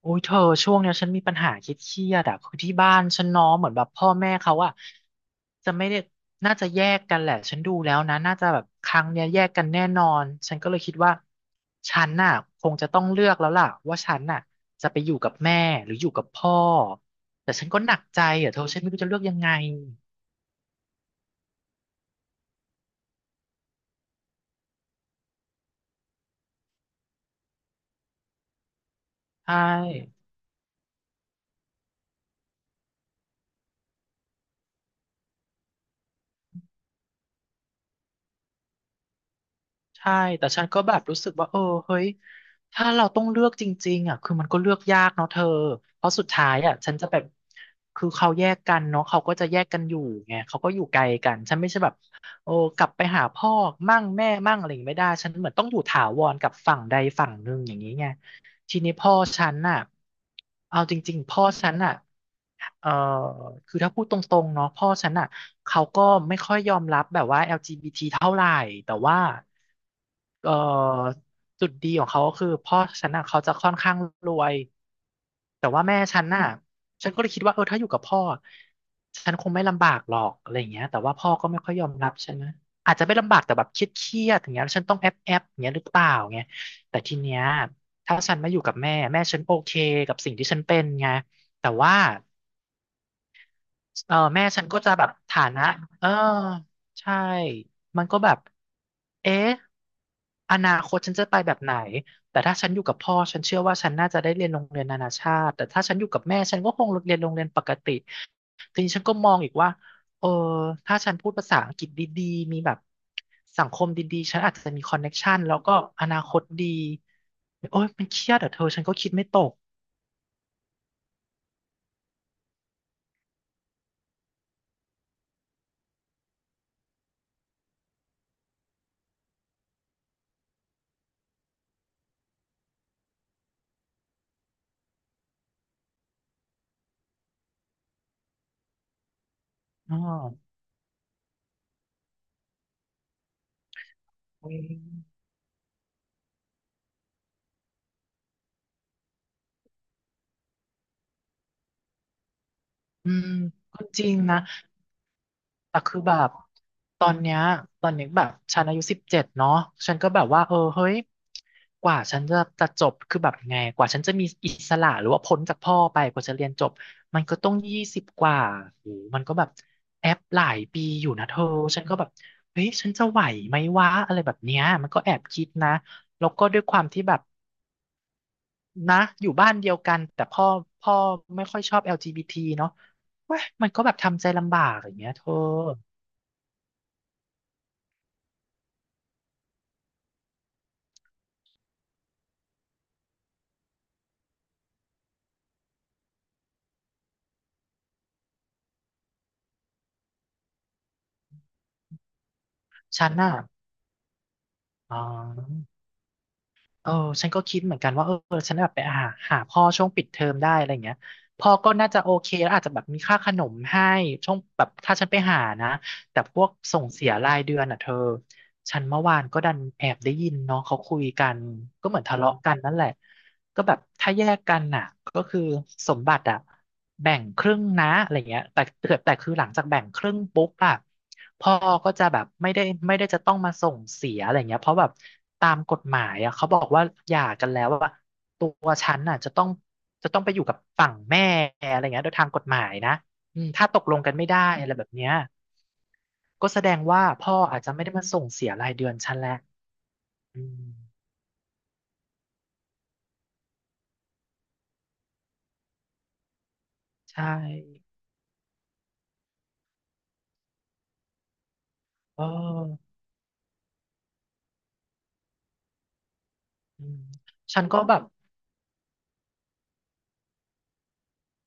โอ้ยเธอช่วงเนี้ยฉันมีปัญหาคิดเครียดๆอะคือที่บ้านฉันเน้องเหมือนแบบพ่อแม่เขาอะจะไม่ได้น่าจะแยกกันแหละฉันดูแล้วนะน่าจะแบบครั้งเนี้ยแยกกันแน่นอนฉันก็เลยคิดว่าฉันน่ะคงจะต้องเลือกแล้วล่ะว่าฉันน่ะจะไปอยู่กับแม่หรืออยู่กับพ่อแต่ฉันก็หนักใจอะเธอฉันไม่รู้จะเลือกยังไงใช่ ใช่ แต่ฉันก็แบบรู้สึกว่าเออเฮ้ยถ้าเราต้องเลือกจริงๆอ่ะคือมันก็เลือกยากเนาะเธอเพราะสุดท้ายอ่ะฉันจะแบบคือเขาแยกกันเนาะเขาก็จะแยกกันอยู่ไงเขาก็อยู่ไกลกันฉันไม่ใช่แบบโอ้กลับไปหาพ่อมั่งแม่มั่งอะไรอย่างงี้ไม่ได้ฉันเหมือนต้องอยู่ถาวรกับฝั่งใดฝั่งหนึ่งอย่างนี้ไง ทีนี้พ่อฉันน่ะเอาจริงๆพ่อฉันน่ะเอ่อคือถ้าพูดตรงๆเนาะพ่อฉันน่ะเขาก็ไม่ค่อยยอมรับแบบว่า LGBT เท่าไหร่แต่ว่าเอ่อจุดดีของเขาก็คือพ่อฉันน่ะเขาจะค่อนข้างรวยแต่ว่าแม่ฉันน่ะฉันก็เลยคิดว่าเออถ้าอยู่กับพ่อฉันคงไม่ลำบากหรอกอะไรอย่างเงี้ยแต่ว่าพ่อก็ไม่ค่อยยอมรับฉันนะอาจจะไม่ลำบากแต่แบบเครียดๆอย่างเงี้ยแล้วฉันต้องแอบอย่างเงี้ยหรือเปล่าเงยแต่ทีเนี้ย ถ้าฉันมาอยู่กับแม่ แม่ฉันโอเคกับสิ่งที่ฉันเป็นไงแต่ว่าเออแม่ฉันก็จะแบบฐานะเออใช่มันก็แบบเอ๊ะอนาคตฉันจะไปแบบไหนแต่ถ้าฉันอยู่กับพ่อฉันเชื่อว่าฉันน่าจะได้เรียนโรงเรียนนานาชาติแต่ถ้าฉันอยู่กับแม่ฉันก็คงเรียนโรงเรียนปกติทีนี้ฉันก็มองอีกว่าเออถ้าฉันพูดภาษาอังกฤษดีๆมีแบบสังคมดีๆฉันอาจจะมีคอนเน็กชันแล้วก็อนาคตดีโอ้ยมันเครียดอ่ะเธอฉันก็คิดไม่ตก อ๋ออุ๊ยอืมก็จริงนะแต่คือแบบ ตอนเนี้ยตอนนี้แบบฉันอายุ17เนาะฉันก็แบบว่าเออเฮ้ยกว่าฉันจะจบคือแบบยังไงกว่าฉันจะมีอิสระหรือว่าพ้นจากพ่อไปกว่าจะเรียนจบ มันก็ต้อง20กว่าโอ้โหมันก็แบบแอปหลายปีอยู่นะเธอฉันก็แบบเฮ้ยฉันจะไหวไหมวะอะไรแบบเนี้ยมันก็แอบคิดนะแล้วก็ด้วยความที่แบบ นะอยู่บ้านเดียวกันแต่พ่อไม่ค่อยชอบ LGBT เนาะเว้ยมันก็แบบทำใจลำบากอย่างเงี้ยเธอฉันน่ะอ๋อเออฉันก็คิดเหมือนกันว่าเออฉันแบบไปหาพ่อช่วงปิดเทอมได้อะไรเงี้ยพ่อก็น่าจะโอเคแล้วอาจจะแบบมีค่าขนมให้ช่วงแบบถ้าฉันไปหานะแต่พวกส่งเสียรายเดือนอ่ะเธอ ฉันเมื่อวานก็ดันแอบได้ยินเนาะเขาคุยกันก็เหมือนทะเลาะกันนั่นแหละก็แบบถ้าแยกกันน่ะก็คือสมบัติอะแบ่งครึ่งนะอะไรเงี้ยแต่คือหลังจากแบ่งครึ่งปุ๊บอะพ่อก็จะแบบไม่ได้จะต้องมาส่งเสียอะไรเงี้ยเพราะแบบตามกฎหมายอะเขาบอกว่าหย่ากันแล้วว่าตัวฉันน่ะจะต้องไปอยู่กับฝั่งแม่อะไรเงี้ยโดยทางกฎหมายนะ อืมถ้าตกลงกันไม่ได้อะไรแบบเนี้ยก็แสดงว่าพ่ออาจจะไม่ได้มาส่งเสียรายเดือนฉันแหละอืมใช่เอออืมฉันก็แบบ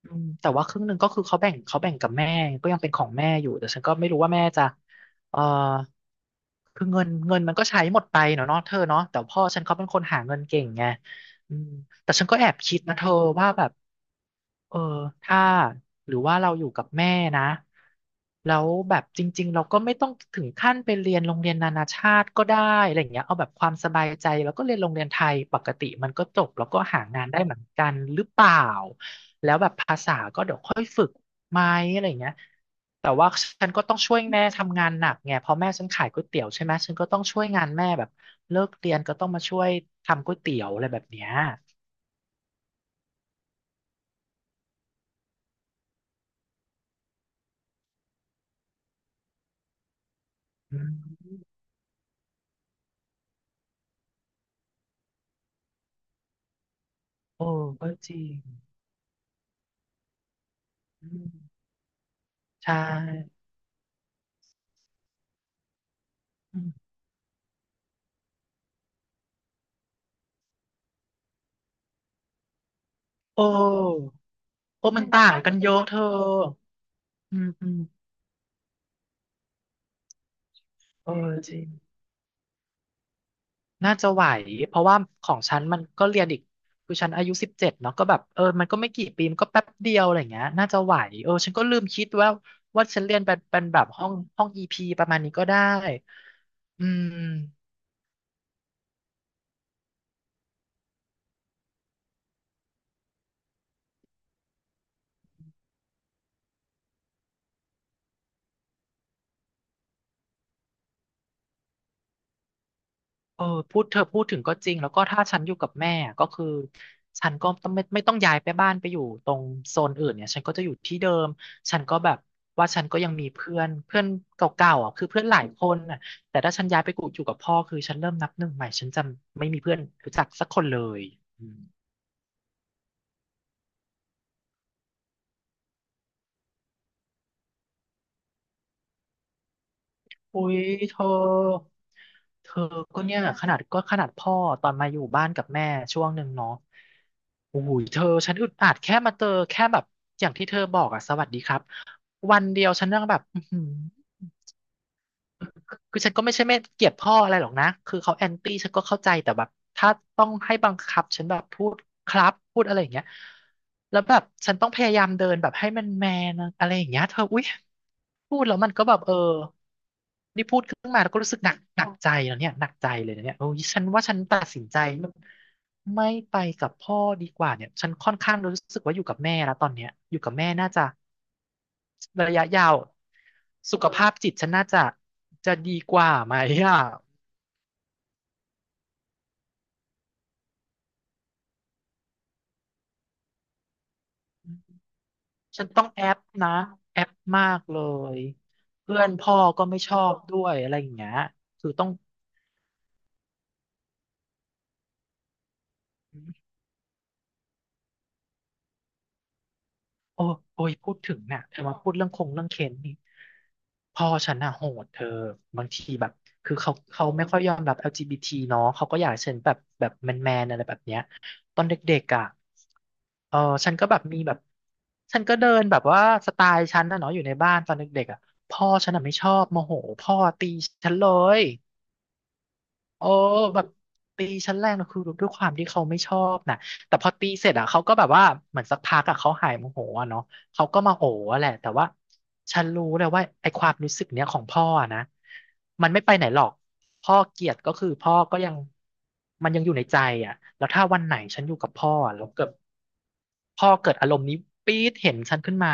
อืมแต่ว่าครึ่งหนึ่งก็คือเขาแบ่งกับแม่ก็ยังเป็นของแม่อยู่แต่ฉันก็ไม่รู้ว่าแม่จะเออคือเงินมันก็ใช้หมดไปเนาะเธอเนาะแต่พ่อฉันเขาเป็นคนหาเงินเก่งไงอืมแต่ฉันก็แอบคิดนะเธอว่าแบบ เออถ้าหรือว่าเราอยู่กับแม่นะแล้วแบบจริงๆเราก็ไม่ต้องถึงขั้นไปเรียนโรงเรียนนานาชาติก็ได้อะไรอย่างเงี้ยเอาแบบความสบายใจแล้วก็เรียนโรงเรียนไทยปกติมันก็จบแล้วก็หางานได้เหมือนกันหรือเปล่าแล้วแบบภาษาก็เดี๋ยวค่อยฝึกไหมอะไรอย่างเงี้ยแต่ว่าฉันก็ต้องช่วยแม่ทำงานหนักไงเพราะแม่ฉันขายก๋วยเตี๋ยวใช่ไหมฉันก็ต้องช่วยงานแม่แบบเลิกเรียนก็ต้องมาช่วยทำก๋วยเตี๋ยวอะไรแบบเนี้ยอืมโอ้ก็จริงอืม ใช่อืมโอ้โอ้มันต่างกันเยอะเธออืมอืมเออจริงน่าจะไหวเพราะว่าของฉันมันก็เรียนอีกคือฉันอายุ17เนาะก็แบบเออมันก็ไม่กี่ปีมันก็แป๊บเดียวอะไรอย่างเงี้ยน่าจะไหวเออฉันก็ลืมคิดว่าว่าฉันเรียนเป็นแบบห้องอีพีประมาณนี้ก็ได้อืม เออพูดเธอพูดถึงก็จริงแล้วก็ถ้าฉันอยู่กับแม่อะก็คือฉันก็ต้องไม่ต้องย้ายไปบ้านไปอยู่ตรงโซนอื่นเนี่ยฉันก็จะอยู่ที่เดิมฉันก็แบบว่าฉันก็ยังมีเพื่อนเพื่อนเก่าๆอ่ะคือเพื่อนหลายคนน่ะแต่ถ้าฉันย้ายไปกูอยู่กับพ่อคือฉันเริ่มนับหนึ่งใหม่ฉันจะไม่มีเพื่อนรู้จักสักคนเลยอืม อุ้ยเธอเธอก็ขนาดพ่อตอนมาอยู่บ้านกับแม่ช่วงหนึ่งเนาะโอ้โหเธอฉันอึดอัดแค่มาเจอแค่แบบอย่างที่เธอบอกอะสวัสดีครับวันเดียวฉันยังแบบอื้อหือ คือฉันก็ไม่ใช่ไม่เกลียดพ่ออะไรหรอกนะคือเขาแอนตี้ฉันก็เข้าใจแต่แบบถ้าต้องให้บังคับฉันแบบพูดครับพูดอะไรอย่างเงี้ยแล้วแบบฉันต้องพยายามเดินแบบให้มันแมนอะไรอย่างเงี้ยเธออุ๊ยพูดแล้วมันก็แบบเออนี่พูดขึ้นมาแล้วก็รู้สึกหนักใจแล้วเนี่ยหนักใจเลยนะเนี่ยโอ้ยฉันว่าฉันตัดสินใจไม่ไปกับพ่อดีกว่าเนี่ยฉันค่อนข้างรู้สึกว่าอยู่กับแม่แล้วตอนเนี้ยอยู่กับแม่น่าจะ ระยะยาวสุขภาพจิตฉันน่าจะจะดีกว่าไหมอ่ะฉันต้องแอปนะแอปมากเลยเพื่อนพ่อก็ไม่ชอบด้วยอะไรอย่างเงี้ยคือต้อง โอ้โอ้ยพูดถึงเนี่ยเธอมาพูดเรื่องคงเรื่องเค้นนี่พ่อฉันอะโหดเธอบางทีแบบคือเขาไม่ค่อยยอมรับ LGBT เนาะเขาก็อยากให้ฉันแบบแมนอะไรแบบเนี้ยตอนเด็กๆอะเออฉันก็แบบมีแบบฉันก็เดินแบบว่าสไตล์ฉันนะเนาะอยู่ในบ้านตอนเด็กๆอะพ่อฉันอะไม่ชอบโมโหพ่อตีฉันเลย โอ้แบบตีชั้นแรกนะคือด้วยความที่เขาไม่ชอบนะแต่พอตีเสร็จอ่ะเขาก็แบบว่าเหมือนสักพักอ่ะเขาหายโมโหอ่ะเนาะเขาก็มาโหอะแหละแต่ว่าฉันรู้เลยว่าไอ้ความรู้สึกเนี้ยของพ่ออะนะมันไม่ไปไหนหรอกพ่อเกลียดก็คือพ่อก็ยังมันยังอยู่ในใจอ่ะแล้วถ้าวันไหนฉันอยู่กับพ่ออะแล้วเกิดพ่อเกิดอารมณ์นี้ปี๊ดเห็นฉันขึ้นมา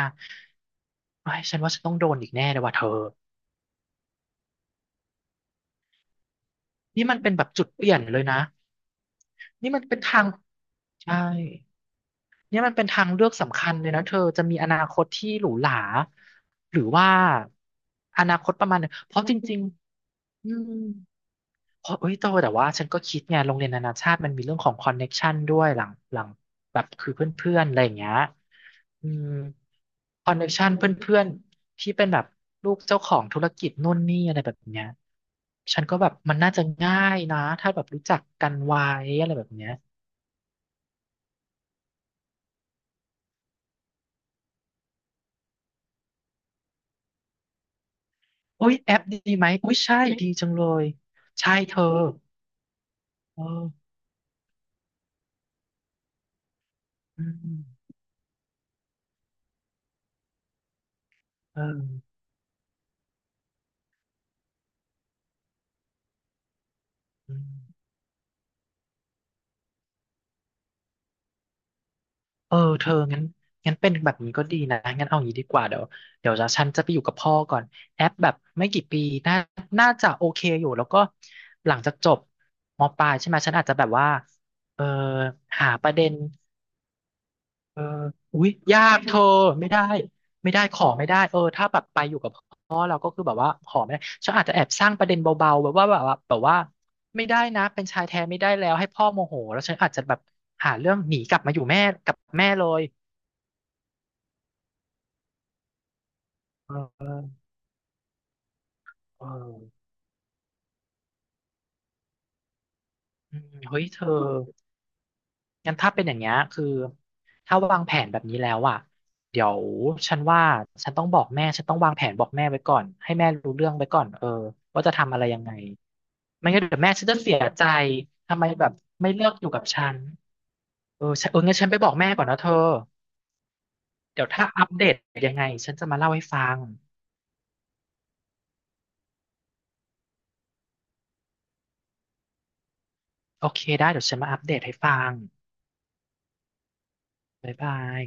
ไอ้ยฉันว่าฉันต้องโดนอีกแน่เลยว่ะเธอนี่มันเป็นแบบจุดเปลี่ยนเลยนะนี่มันเป็นทางใช่ เนี่ยมันเป็นทางเลือกสำคัญเลยนะเธอจะมีอนาคตที่หรูหราหรือว่าอนาคตประมาณหนึ่งเพราะจริงๆอืมเพราะเอ้ยโตแต่ว่าฉันก็คิดไงโรงเรียนนานาชาติมันมีเรื่องของคอนเน็กชันด้วยหลังแบบคือเพื่อนๆอะไรอย่างเงี้ยอืมคอนเน็กชันเพื่อนๆที่เป็นแบบลูกเจ้าของธุรกิจนู่นนี่อะไรแบบเนี้ยฉันก็แบบมันน่าจะง่ายนะถ้าแบบรู้จักกันไว้อะไรแบบเนี้ย อุ๊ยแอปดีไหมอุ๊ยใช่ดีจังเลยใช่เธอเอออืมเอออืมเออเธองั้นงั้นเป็นแบบนี้ก็ดีนะงั้นเอาอย่างนี้ดีกว่าเดี๋ยวจะฉันจะไปอยู่กับพ่อก่อนแอปแบบไม่กี่ปีน่าน่าจะโอเคอยู่แล้วก็หลังจากจบมปลายใช่ไหมฉันอาจจะแบบว่าเออหาประเด็น เอออุ๊ยยากเธอไม่ได้ไม่ได้ขอไม่ได้เออถ้าแบบไปอยู่กับพ่อเราก็คือแบบว่าขอไม่ได้ฉันอาจจะแอบสร้างประเด็นเบาๆแบบว่าไม่ได้นะเป็นชายแท้ไม่ได้แล้วให้พ่อโมโหแล้วฉันอาจจะแบบหาเรื่องหนีกลับมาอยู่แม่กับแม่เลยเออเอออืมเฮ้ยเธองั้นถ้าเป็นอย่างเงี้ยคือถ้าวางแผนแบบนี้แล้วอ่ะเดี๋ยวฉันว่าฉันต้องบอกแม่ฉันต้องวางแผนบอกแม่ไว้ก่อนให้แม่รู้เรื่องไว้ก่อนเออว่าจะทำอะไรยังไง ไม่งั้นเดี๋ยวแม่ฉันจะเสียใจทำไมแบบไม่เลือกอยู่กับฉันเออฉันเอองั้นฉันไปบอกแม่ก่อนนะเธอเดี๋ยวถ้าอัปเดตยังไงฉันจะมาเล่าให้ฟังโอเคได้เดี๋ยวฉันมาอัปเดตให้ฟังบ๊ายบาย